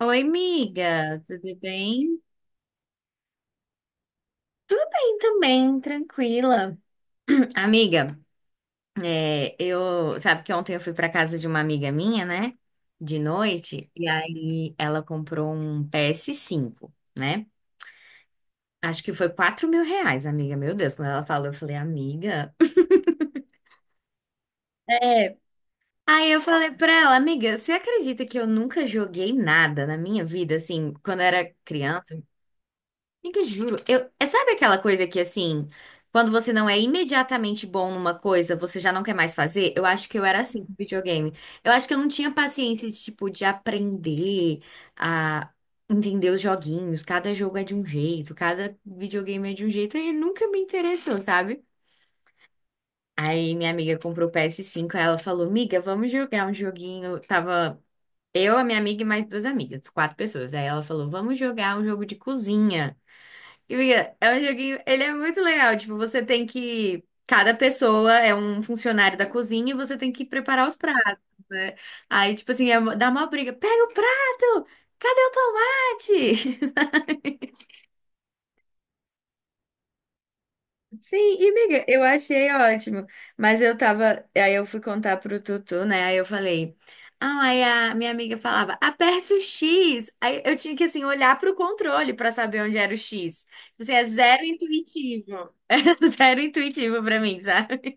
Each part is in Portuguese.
Oi, amiga, tudo bem? Tudo bem também, tranquila. Amiga, sabe que ontem eu fui para casa de uma amiga minha, né? De noite, e aí ela comprou um PS5, né? Acho que foi R$ 4 mil, amiga. Meu Deus, quando ela falou, eu falei, amiga. É. Aí eu falei pra ela, amiga, você acredita que eu nunca joguei nada na minha vida, assim, quando eu era criança? Amiga, juro. Sabe aquela coisa que, assim, quando você não é imediatamente bom numa coisa, você já não quer mais fazer? Eu acho que eu era assim com videogame. Eu acho que eu não tinha paciência de, tipo, de aprender a entender os joguinhos. Cada jogo é de um jeito, cada videogame é de um jeito, e nunca me interessou, sabe? Aí minha amiga comprou o PS5, aí ela falou, miga, vamos jogar um joguinho. Tava eu, a minha amiga e mais duas amigas, quatro pessoas. Aí ela falou, vamos jogar um jogo de cozinha. E, miga, é um joguinho, ele é muito legal. Tipo, você tem que. Cada pessoa é um funcionário da cozinha e você tem que preparar os pratos, né? Aí, tipo assim, dá uma briga. Pega o prato! Cadê o tomate? Sim, e miga, eu achei ótimo. Mas eu tava. Aí eu fui contar pro Tutu, né? Aí eu falei. Ah, aí a minha amiga falava, aperta o X. Aí eu tinha que, assim, olhar pro controle pra saber onde era o X. Tipo assim, é zero intuitivo. É zero intuitivo pra mim, sabe?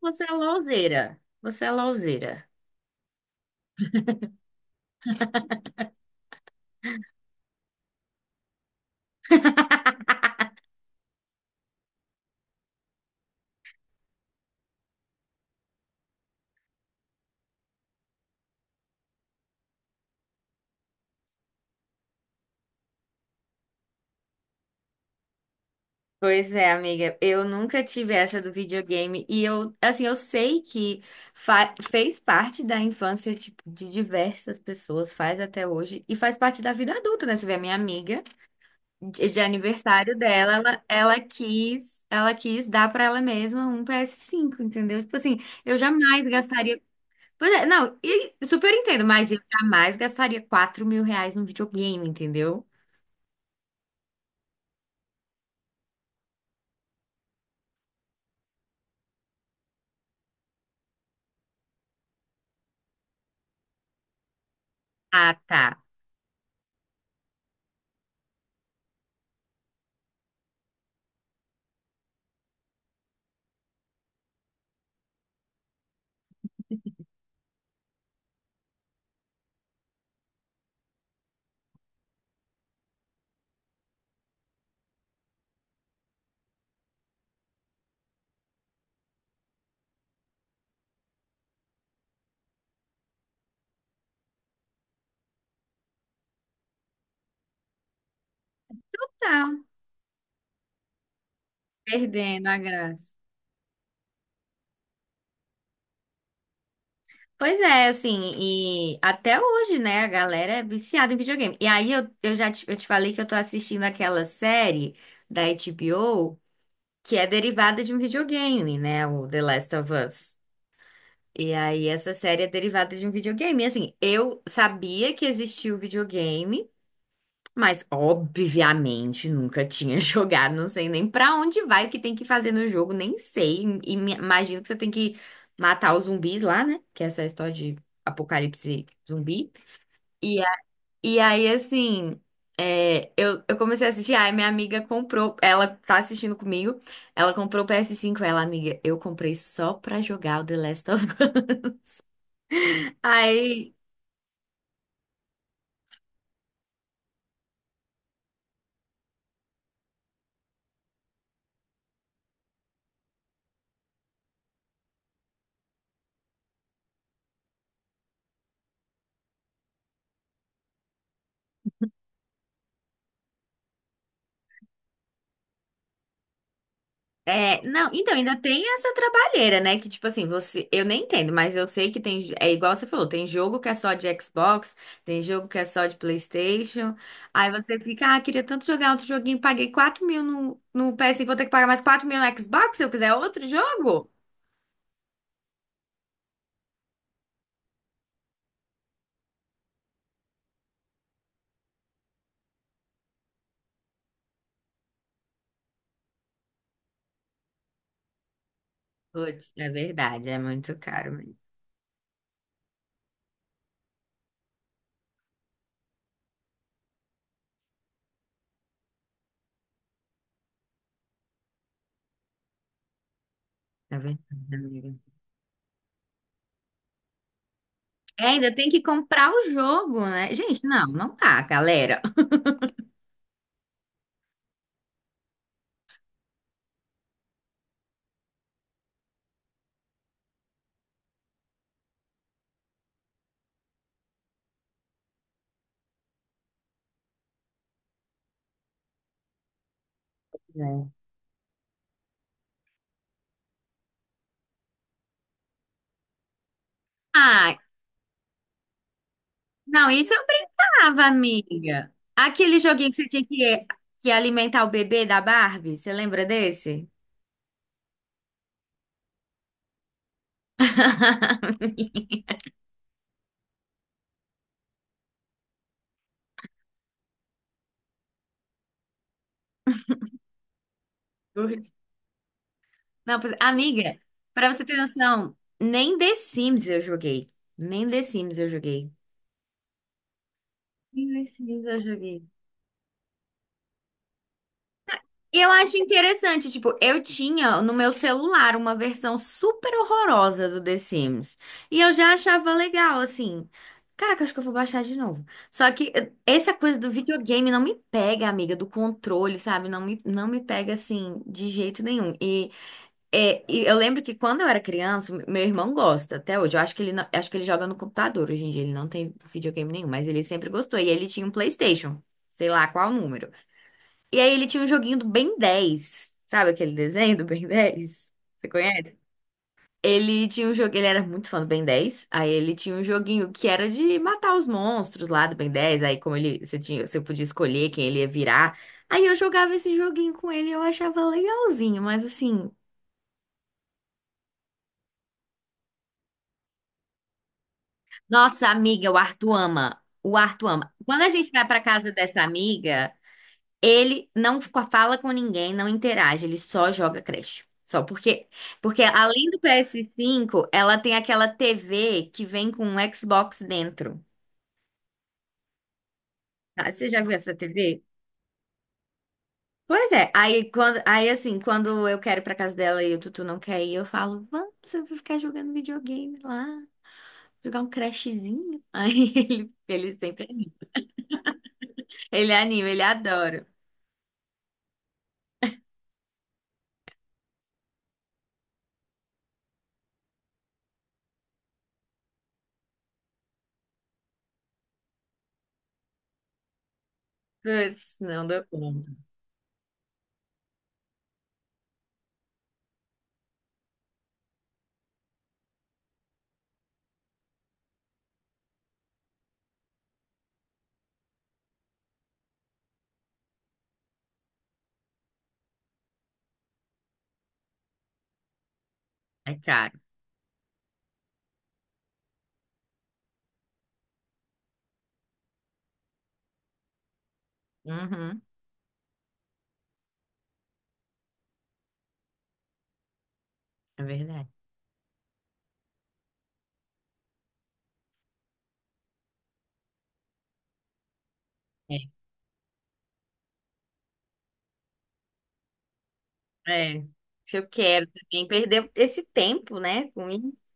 Você é louzeira. Você é louzeira. Pois é, amiga, eu nunca tive essa do videogame e eu, assim, eu sei que fez parte da infância, tipo, de diversas pessoas, faz até hoje e faz parte da vida adulta, né? Você vê a minha amiga, de aniversário dela, ela quis dar pra ela mesma um ps cinco, entendeu? Tipo assim, eu jamais gastaria. Pois é, não, e super entendo, mas eu jamais gastaria R$ 4 mil num videogame, entendeu? Ah, tá. Não, perdendo a graça. Pois é, assim, e até hoje, né, a galera é viciada em videogame. E aí eu te falei que eu tô assistindo aquela série da HBO que é derivada de um videogame, né, o The Last of Us. E aí essa série é derivada de um videogame. E, assim, eu sabia que existia o videogame, mas, obviamente, nunca tinha jogado, não sei nem pra onde vai, o que tem que fazer no jogo, nem sei. E imagino que você tem que matar os zumbis lá, né? Que é essa história de apocalipse zumbi. E, a- assim, eu comecei a assistir, aí minha amiga comprou, ela tá assistindo comigo, ela comprou o PS5, amiga, eu comprei só pra jogar o The Last of Us. Aí. É, não, então ainda tem essa trabalheira, né? Que tipo assim, você, eu nem entendo, mas eu sei que tem, é igual você falou, tem jogo que é só de Xbox, tem jogo que é só de PlayStation. Aí você fica, ah, queria tanto jogar outro joguinho, paguei 4 mil no PS e vou ter que pagar mais 4 mil no Xbox se eu quiser outro jogo? Putz, é verdade, é muito caro, mas é verdade, amiga. É, ainda tem que comprar o jogo, né? Gente, não, não tá, galera. É. Ah, não, isso eu brincava, amiga. Aquele joguinho que você tinha que alimentar o bebê da Barbie, você lembra desse? Não, amiga, pra você ter noção, nem The Sims eu joguei. Nem The Sims eu joguei. Nem The Sims eu joguei. E eu acho interessante, tipo, eu tinha no meu celular uma versão super horrorosa do The Sims. E eu já achava legal, assim. Caraca, acho que eu vou baixar de novo. Só que essa coisa do videogame não me pega, amiga, do controle, sabe? Não me pega, assim, de jeito nenhum. E eu lembro que quando eu era criança, meu irmão gosta até hoje. Eu acho que ele, acho que ele joga no computador hoje em dia. Ele não tem videogame nenhum, mas ele sempre gostou. E ele tinha um PlayStation, sei lá qual número. E aí ele tinha um joguinho do Ben 10. Sabe aquele desenho do Ben 10? Você conhece? Ele tinha um jogo, ele era muito fã do Ben 10. Aí ele tinha um joguinho que era de matar os monstros lá do Ben 10. Aí como ele, você tinha, você podia escolher quem ele ia virar. Aí eu jogava esse joguinho com ele e eu achava legalzinho, mas assim, nossa amiga, o Arthur ama. O Arthur ama. Quando a gente vai pra casa dessa amiga, ele não fala com ninguém, não interage, ele só joga Crash. Só porque além do PS5, ela tem aquela TV que vem com um Xbox dentro. Ah, você já viu essa TV? Pois é, aí assim, quando eu quero ir pra casa dela e o Tutu não quer ir, eu falo, vamos, eu vou ficar jogando videogame lá, jogar um Crashzinho. Aí ele sempre, anima. Ele anima, ele adora. Putz, não dou conta. É caro. Uhum, é verdade. É. É. Se eu quero também perder esse tempo, né, com isso.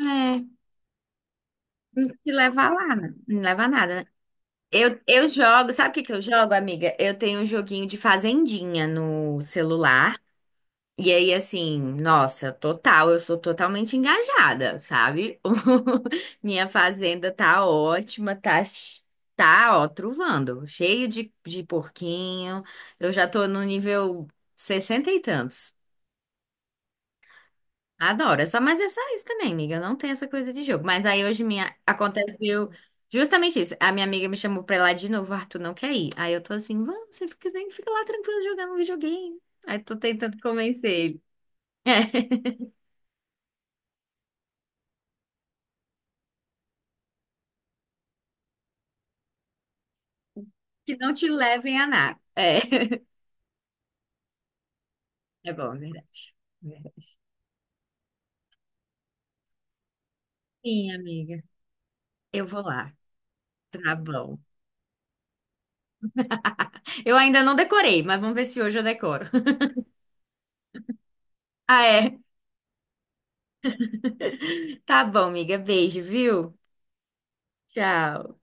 É, não te leva lá, né? Não leva a nada, né? Sabe o que que eu jogo, amiga? Eu tenho um joguinho de fazendinha no celular. E aí, assim, nossa, total, eu sou totalmente engajada, sabe? Minha fazenda tá ótima, tá, ó, truvando, cheio de porquinho. Eu já tô no nível 60 e tantos. Adoro, é só, mas é só isso também, amiga. Não tem essa coisa de jogo. Mas aí hoje minha aconteceu justamente isso. A minha amiga me chamou pra ir lá de novo, o Arthur não quer ir. Aí eu tô assim, vamos, você fica, fica lá tranquilo jogando um videogame. Aí tô tentando convencer ele. Que não te levem a nada. É, é bom, é verdade. É verdade. Sim, amiga. Eu vou lá. Tá bom. Eu ainda não decorei, mas vamos ver se hoje eu decoro. Ah, é. Tá bom, amiga. Beijo, viu? Tchau.